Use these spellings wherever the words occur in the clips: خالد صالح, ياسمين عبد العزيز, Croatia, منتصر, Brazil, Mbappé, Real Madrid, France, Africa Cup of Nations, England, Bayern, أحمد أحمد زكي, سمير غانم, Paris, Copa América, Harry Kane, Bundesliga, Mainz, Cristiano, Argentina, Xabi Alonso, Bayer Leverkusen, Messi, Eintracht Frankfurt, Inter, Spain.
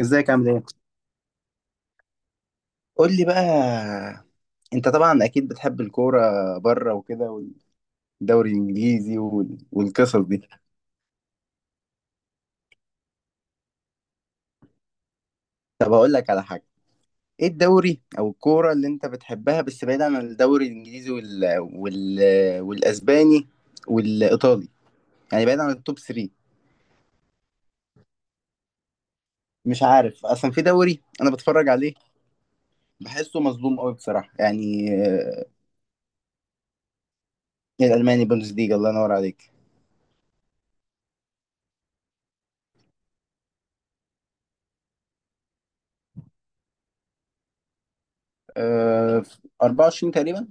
ازيك عامل ايه؟ قول لي بقى. انت طبعا اكيد بتحب الكوره بره وكده، والدوري الانجليزي والقصص دي. طب اقول لك على حاجه. ايه الدوري او الكوره اللي انت بتحبها؟ بس بعيد عن الدوري الانجليزي والاسباني والايطالي، يعني بعيد عن التوب 3. مش عارف اصلا في دوري انا بتفرج عليه، بحسه مظلوم قوي بصراحه يعني. الالماني بوندسليجا، الله ينور عليك. آه، 24 تقريبا.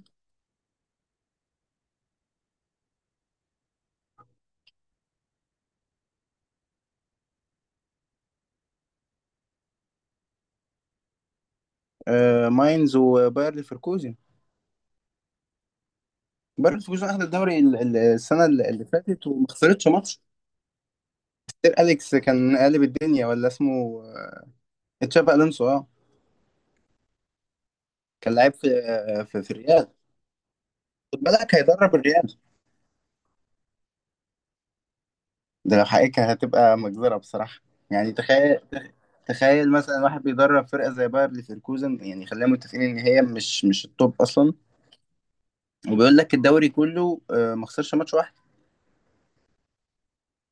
ماينز وباير ليفركوزن. بايرن ليفركوزن اخذ الدوري السنه اللي فاتت وما خسرتش ماتش. سير اليكس كان قالب الدنيا، ولا اسمه تشابي الونسو، اه. كان لعيب في الريال. خد بالك هيدرب الريال. ده لو حقيقة هتبقى مجزرة بصراحة. يعني تخيل. تخيل مثلا واحد بيدرب فرقة زي باير ليفركوزن، يعني خلينا متفقين ان هي مش التوب اصلا. وبيقول لك الدوري كله ما خسرش ماتش واحد.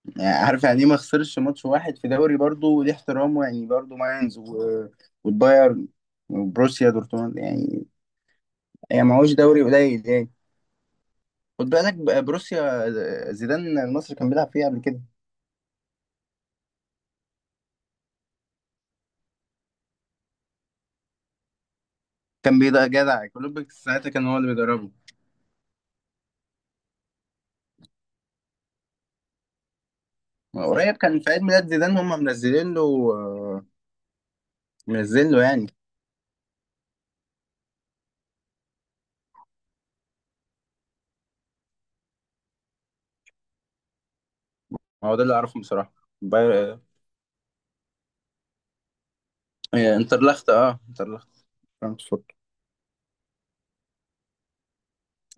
يعني عارف يعني ايه ما خسرش ماتش واحد في دوري؟ برضه ودي احترامه يعني، برضه ماينز والبايرن وبروسيا دورتموند يعني. هي ما هوش دوري قليل يعني. خد بالك بروسيا، زيدان المصري كان بيلعب فيها قبل كده. كان بيضا جدع كلوب ساعتها كان هو اللي بيدربه. قريب كان في عيد ميلاد زيدان هم منزلين له، آه، منزلين له يعني. هو ده اللي اعرفه بصراحه. باير- انترلخت، فرانكفورت.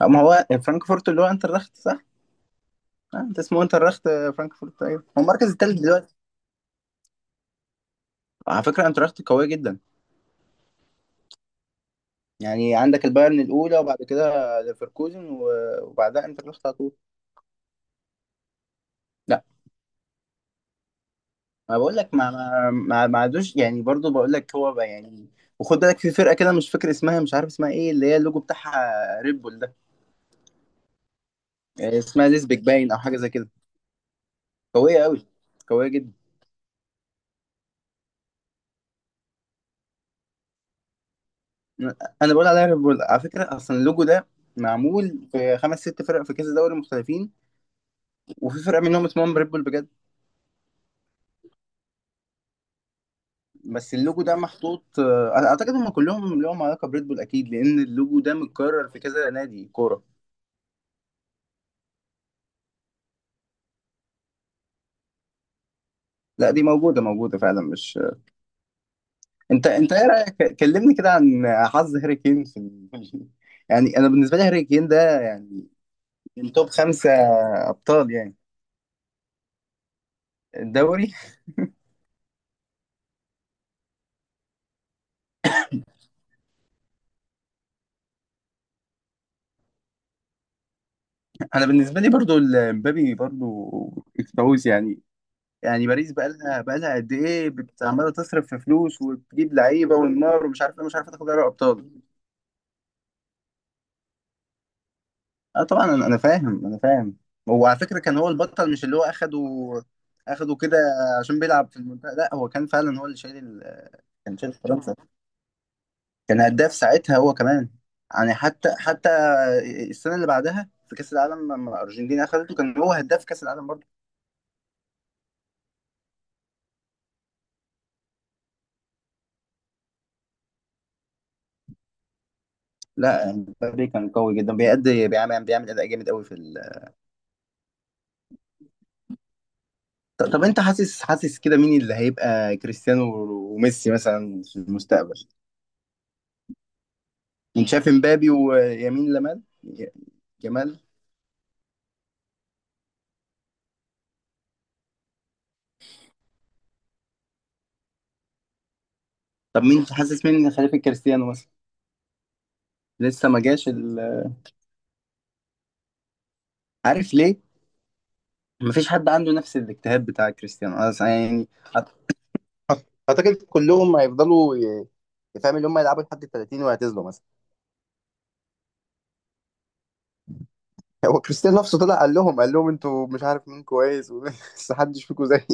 ما هو فرانكفورت اللي هو انترلخت. انت اسمه انترخت. فرانكفورت، ايوه هو المركز الثالث دلوقتي. على فكره انترخت قويه جدا. يعني عندك البايرن الاولى، وبعد كده ليفركوزن، وبعدها انترخت على طول. لا، ما بقول لك ما عادوش يعني، برضو بقول لك هو بقى يعني. وخد بالك في فرقه كده، مش فاكر اسمها، مش عارف اسمها ايه، اللي هي اللوجو بتاعها ريد بول ده. اسمها ليزبيك باين، او حاجه زي كده. قويه قوي، قويه جدا. انا بقول عليها ريد بول على فكره، اصلا اللوجو ده معمول في خمس ست فرق في كذا دوري مختلفين، وفي فرقه منهم اسمهم ريد بول بجد. بس اللوجو ده محطوط، انا اعتقد هم كلهم لهم علاقه بريد بول اكيد، لان اللوجو ده متكرر في كذا نادي كوره. لا دي موجوده، موجوده فعلا، مش. انت ايه رايك؟ كلمني كده عن حظ هاري كين في يعني انا بالنسبه لي هاري كين ده يعني من توب خمسه ابطال يعني الدوري. انا بالنسبه لي برضو مبابي برضو، الكاوس يعني. يعني باريس بقى لها قد ايه عماله تصرف في فلوس وتجيب لعيبه والنار ومش عارف ايه، مش عارفه تاخد دوري ابطال. اه طبعا انا فاهم. هو على فكره كان هو البطل، مش اللي هو اخده. اخده كده عشان بيلعب في المنتخب. لا هو كان فعلا هو اللي شايل كان شايل فرنسا. كان هداف ساعتها هو كمان. يعني حتى السنه اللي بعدها في كاس العالم، لما الارجنتين اخدته، كان هو هداف كاس العالم برضه. لا مبابي كان قوي جدا، بيأدي، بيعمل اداء جامد قوي في طب انت حاسس كده مين اللي هيبقى كريستيانو وميسي مثلا في المستقبل؟ انت شايف مبابي ويمين لمال، جمال؟ طب مين حاسس؟ مين إن خليفه كريستيانو مثلا؟ لسه ما جاش عارف ليه؟ مفيش حد عنده نفس الاجتهاد بتاع كريستيانو، أنا يعني حتى، اعتقد كلهم هيفضلوا يفهم اللي هم يلعبوا لحد ال 30 ويعتزلوا مثلا. هو كريستيانو نفسه طلع قال لهم انتوا مش عارف مين كويس بس محدش فيكم زيي.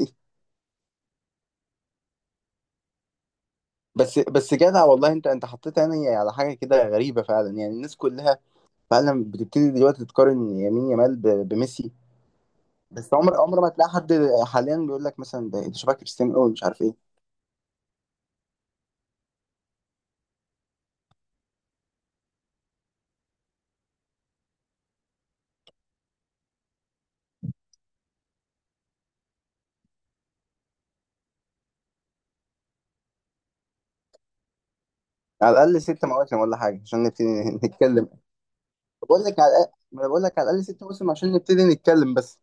بس جدع والله، انت حطيت يعني على حاجه كده غريبه فعلا، يعني الناس كلها فعلا بتبتدي دلوقتي تقارن يمين يامال بميسي. بس عمر ما تلاقي حد حاليا بيقول لك مثلا ده شبه كريستيانو قوي مش عارف ايه. على الاقل ست مواسم ولا حاجه عشان نبتدي نتكلم. بقول لك على الأقل- ما أنا بقول لك على الاقل ست مواسم عشان نبتدي نتكلم بس.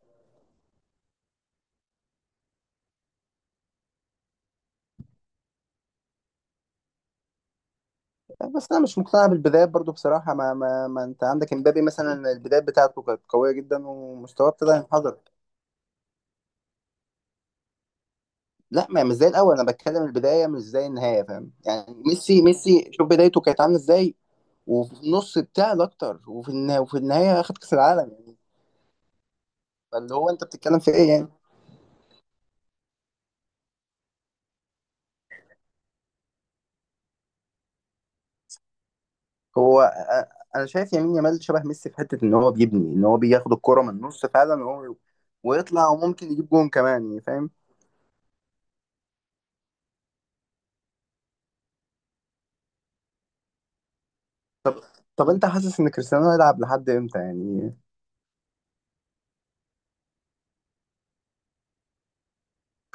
بس انا مش مقتنع بالبدايات برضو بصراحه. ما انت عندك امبابي مثلا البدايات بتاعته كانت قويه جدا، ومستواه ابتدى ينحدر. لا ما، مش زي الاول، انا بتكلم البدايه مش زي النهايه فاهم يعني؟ ميسي شوف بدايته كانت عامله ازاي، وفي النص بتاع اكتر، وفي النهايه اخد كاس العالم يعني، فاللي هو انت بتتكلم في ايه يعني؟ هو انا شايف يمين يامال شبه ميسي في حته ان هو بيبني، ان هو بياخد الكره من النص فعلا، وهو ويطلع وممكن يجيب جون كمان، يعني فاهم. طب طب انت حاسس ان كريستيانو هيلعب لحد امتى يعني؟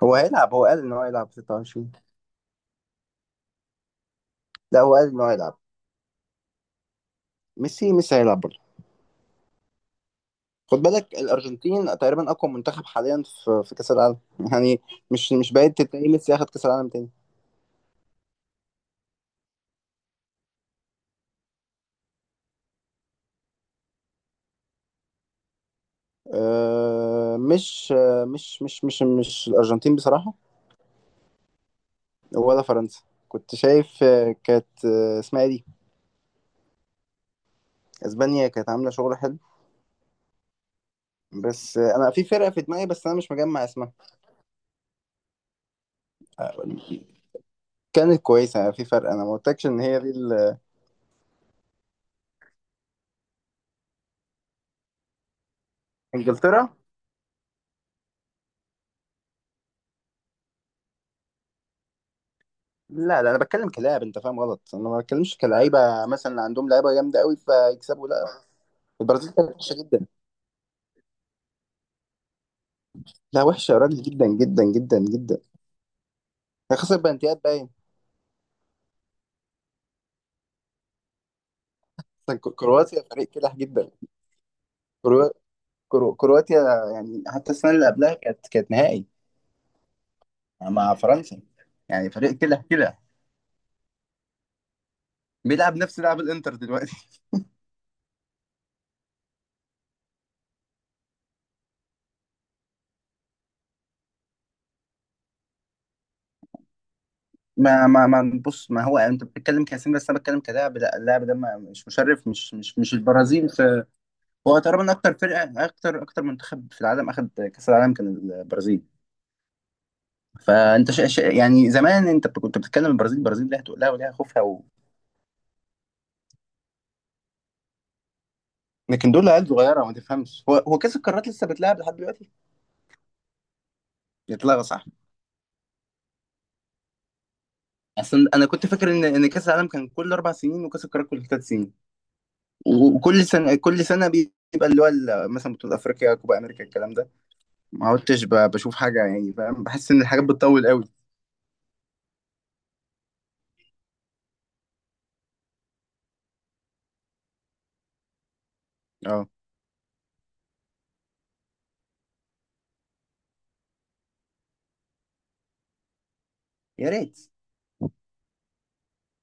هو هيلعب، هو قال ان هو هيلعب 26. لا هو قال ان هو هيلعب. ميسي هيلعب برضه. خد بالك الارجنتين تقريبا اقوى منتخب حاليا في كاس العالم يعني، مش بعيد تلاقي ميسي ياخد كاس العالم تاني. أه مش مش مش مش الارجنتين بصراحه، ولا فرنسا. كنت شايف كانت اسمها إيه دي؟ اسبانيا كانت عامله شغل حلو. بس انا في فرقه في دماغي، بس انا مش مجمع اسمها. آه، كانت كويسه يعني في فرق، انا ما قلتكش ان هي دي انجلترا. لا لا انا بتكلم كلاعب، انت فاهم غلط، انا ما بتكلمش كلعيبه. مثلا عندهم لعيبه جامده قوي فيكسبوا لا. البرازيل كانت وحشه جدا. لا وحشه يا راجل، جدا جدا جدا جدا. هي خسر بنتيات باين. مثلاً كرواتيا فريق كلاح جدا. كرو... كرواتيا يعني حتى السنه اللي قبلها كانت نهائي يعني مع فرنسا، يعني فريق كده كده بيلعب نفس لعب الانتر دلوقتي. ما بص، ما هو انت بتتكلم كاسم بس انا بتكلم كلاعب. لا اللاعب ده مش مشرف، مش البرازيل في، هو تقريبا اكتر فرقه، اكتر منتخب في العالم اخذ كاس العالم كان البرازيل. فانت شا شا يعني زمان انت كنت بتتكلم البرازيل ليها تقلها وليها خوفها لكن دول عيال صغيره ما تفهمش. هو كاس القارات لسه بيتلعب لحد دلوقتي؟ يتلغى صح. اصلا انا كنت فاكر ان كاس العالم كان كل اربع سنين وكاس القارات كل ثلاث سنين، وكل سنه بيبقى اللي هو مثلا بطوله افريقيا، كوبا امريكا، الكلام ده ما عدتش بشوف حاجه يعني فاهم، بحس ان الحاجات بتطول قوي. اه يا ريت.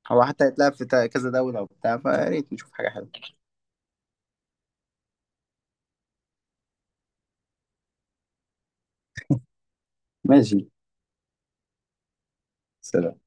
هو حتى هيتلعب في كذا دوله وبتاع، فيا ريت نشوف حاجه حلوه. ماشي. سلام.